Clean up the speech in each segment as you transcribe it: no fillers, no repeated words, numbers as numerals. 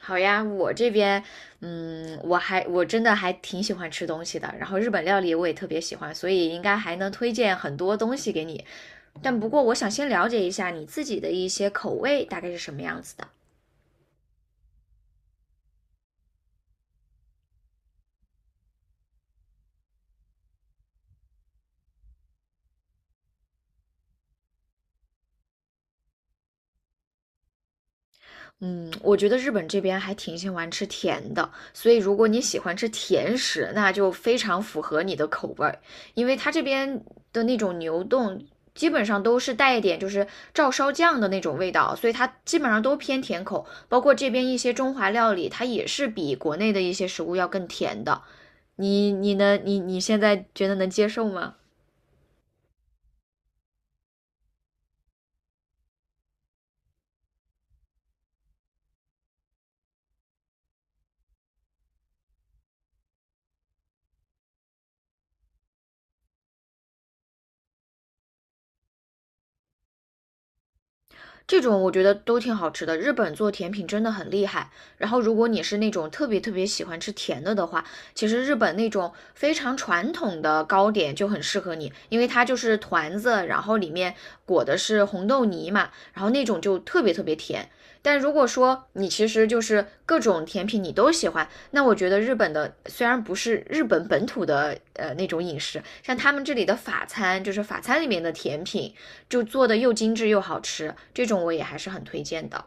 好呀，我这边，我真的还挺喜欢吃东西的，然后日本料理我也特别喜欢，所以应该还能推荐很多东西给你。但不过我想先了解一下你自己的一些口味大概是什么样子的。嗯，我觉得日本这边还挺喜欢吃甜的，所以如果你喜欢吃甜食，那就非常符合你的口味儿，因为它这边的那种牛丼基本上都是带一点就是照烧酱的那种味道，所以它基本上都偏甜口，包括这边一些中华料理，它也是比国内的一些食物要更甜的。你你能你你现在觉得能接受吗？这种我觉得都挺好吃的。日本做甜品真的很厉害。然后，如果你是那种特别特别喜欢吃甜的的话，其实日本那种非常传统的糕点就很适合你，因为它就是团子，然后里面裹的是红豆泥嘛，然后那种就特别特别甜。但如果说你其实就是各种甜品你都喜欢，那我觉得日本的虽然不是日本本土的那种饮食，像他们这里的法餐，就是法餐里面的甜品，就做的又精致又好吃，这种我也还是很推荐的。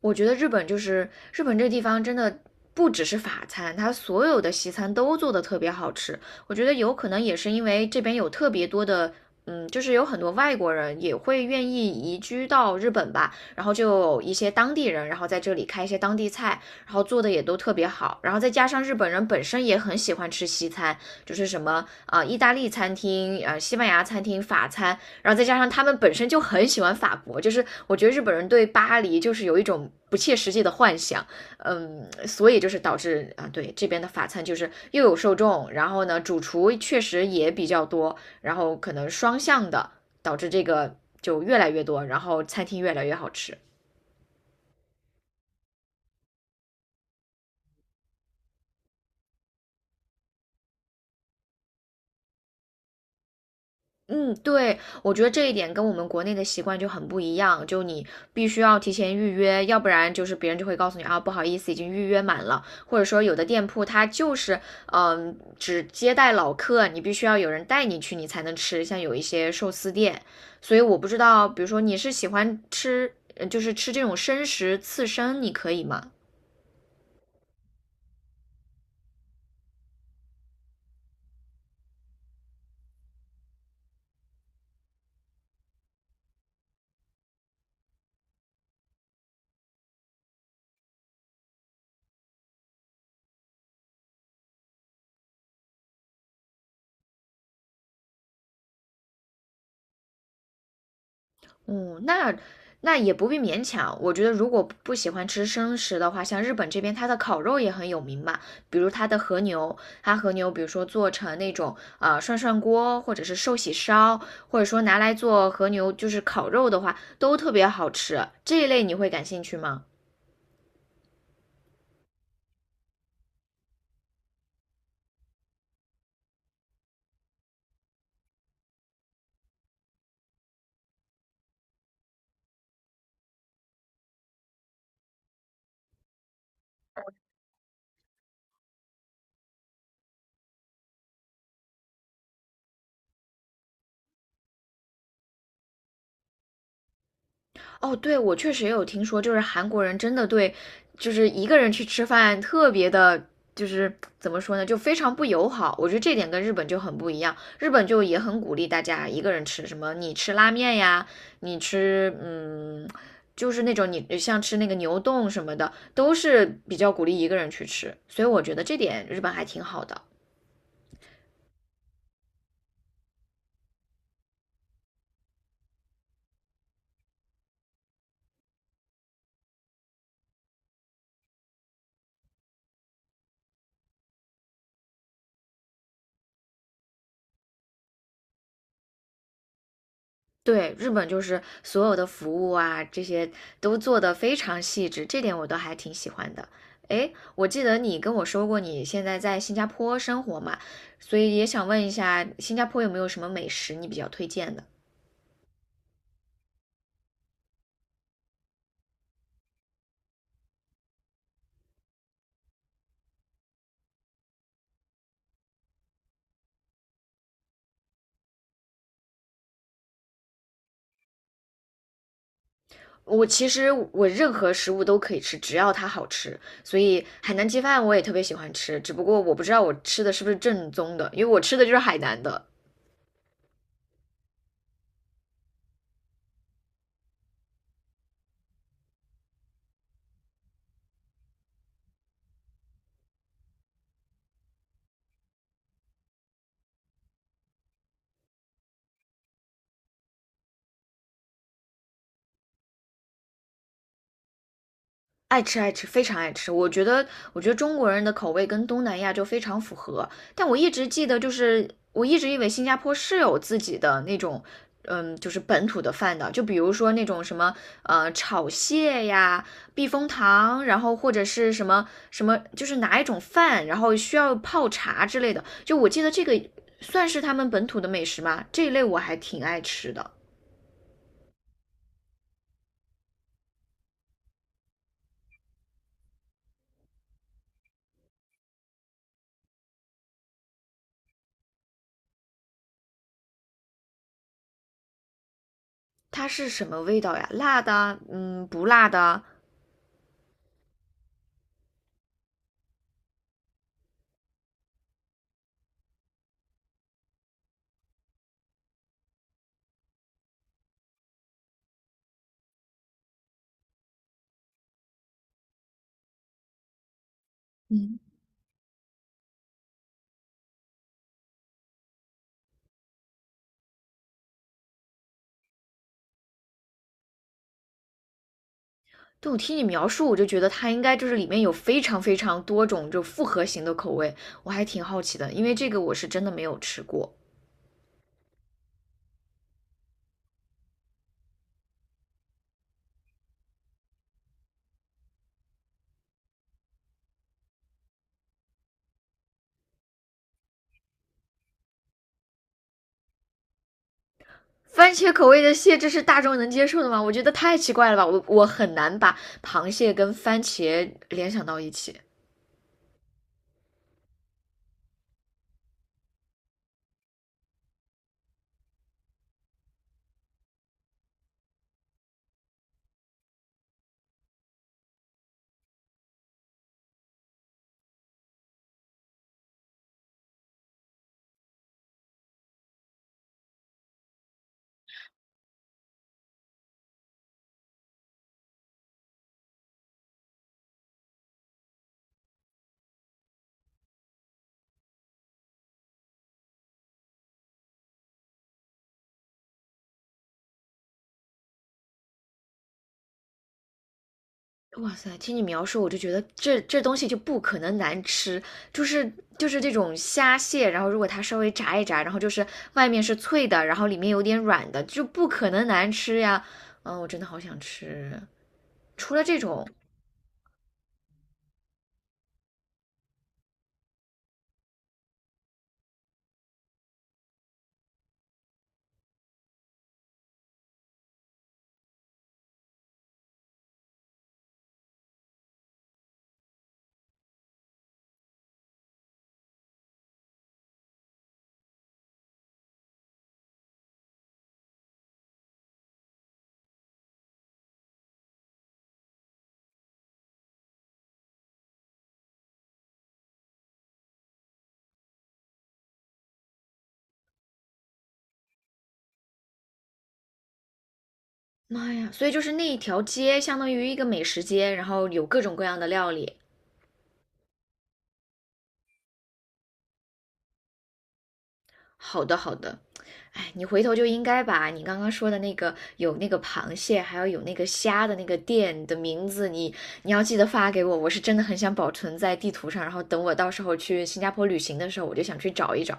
我觉得日本就是日本这个地方真的不只是法餐，它所有的西餐都做的特别好吃。我觉得有可能也是因为这边有特别多的。就是有很多外国人也会愿意移居到日本吧，然后就有一些当地人，然后在这里开一些当地菜，然后做的也都特别好，然后再加上日本人本身也很喜欢吃西餐，就是什么啊、意大利餐厅、西班牙餐厅、法餐，然后再加上他们本身就很喜欢法国，就是我觉得日本人对巴黎就是有一种不切实际的幻想，所以就是导致啊，对这边的法餐就是又有受众，然后呢，主厨确实也比较多，然后可能双向的导致这个就越来越多，然后餐厅越来越好吃。嗯，对，我觉得这一点跟我们国内的习惯就很不一样，就你必须要提前预约，要不然就是别人就会告诉你啊，不好意思，已经预约满了，或者说有的店铺它就是只接待老客，你必须要有人带你去，你才能吃，像有一些寿司店，所以我不知道，比如说你是喜欢吃，就是吃这种生食刺身，你可以吗？嗯，那那也不必勉强。我觉得如果不喜欢吃生食的话，像日本这边它的烤肉也很有名嘛，比如它的和牛，它和牛比如说做成那种涮涮锅，或者是寿喜烧，或者说拿来做和牛就是烤肉的话，都特别好吃。这一类你会感兴趣吗？哦，对，我确实也有听说，就是韩国人真的对，就是一个人去吃饭特别的，就是怎么说呢，就非常不友好。我觉得这点跟日本就很不一样，日本就也很鼓励大家一个人吃，什么你吃拉面呀，你吃就是那种你像吃那个牛丼什么的，都是比较鼓励一个人去吃。所以我觉得这点日本还挺好的。对，日本就是所有的服务啊，这些都做得非常细致，这点我都还挺喜欢的。诶，我记得你跟我说过你现在在新加坡生活嘛，所以也想问一下，新加坡有没有什么美食你比较推荐的？我其实我任何食物都可以吃，只要它好吃。所以海南鸡饭我也特别喜欢吃，只不过我不知道我吃的是不是正宗的，因为我吃的就是海南的。爱吃爱吃，非常爱吃。我觉得，我觉得中国人的口味跟东南亚就非常符合。但我一直记得，就是我一直以为新加坡是有自己的那种，就是本土的饭的。就比如说那种什么，炒蟹呀、避风塘，然后或者是什么什么，就是拿一种饭，然后需要泡茶之类的。就我记得这个算是他们本土的美食吗？这一类我还挺爱吃的。它是什么味道呀？辣的啊，嗯，不辣的啊，对，我听你描述，我就觉得它应该就是里面有非常非常多种就复合型的口味，我还挺好奇的，因为这个我是真的没有吃过。番茄口味的蟹，这是大众能接受的吗？我觉得太奇怪了吧，我很难把螃蟹跟番茄联想到一起。哇塞，听你描述，我就觉得这这东西就不可能难吃，就是就是这种虾蟹，然后如果它稍微炸一炸，然后就是外面是脆的，然后里面有点软的，就不可能难吃呀。嗯，我真的好想吃。除了这种，妈呀！所以就是那一条街相当于一个美食街，然后有各种各样的料理。好的，好的。哎，你回头就应该把你刚刚说的那个有那个螃蟹，还要有那个虾的那个店的名字，你要记得发给我。我是真的很想保存在地图上，然后等我到时候去新加坡旅行的时候，我就想去找一找。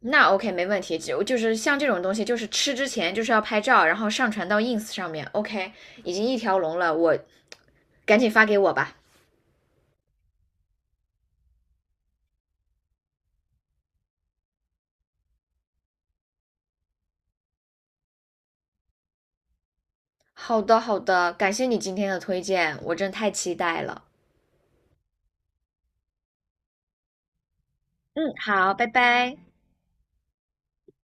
那 OK，没问题。就是像这种东西，就是吃之前就是要拍照，然后上传到 ins 上面。OK，已经一条龙了，我赶紧发给我吧。好的，好的，感谢你今天的推荐，我真太期待了。嗯，好，拜拜。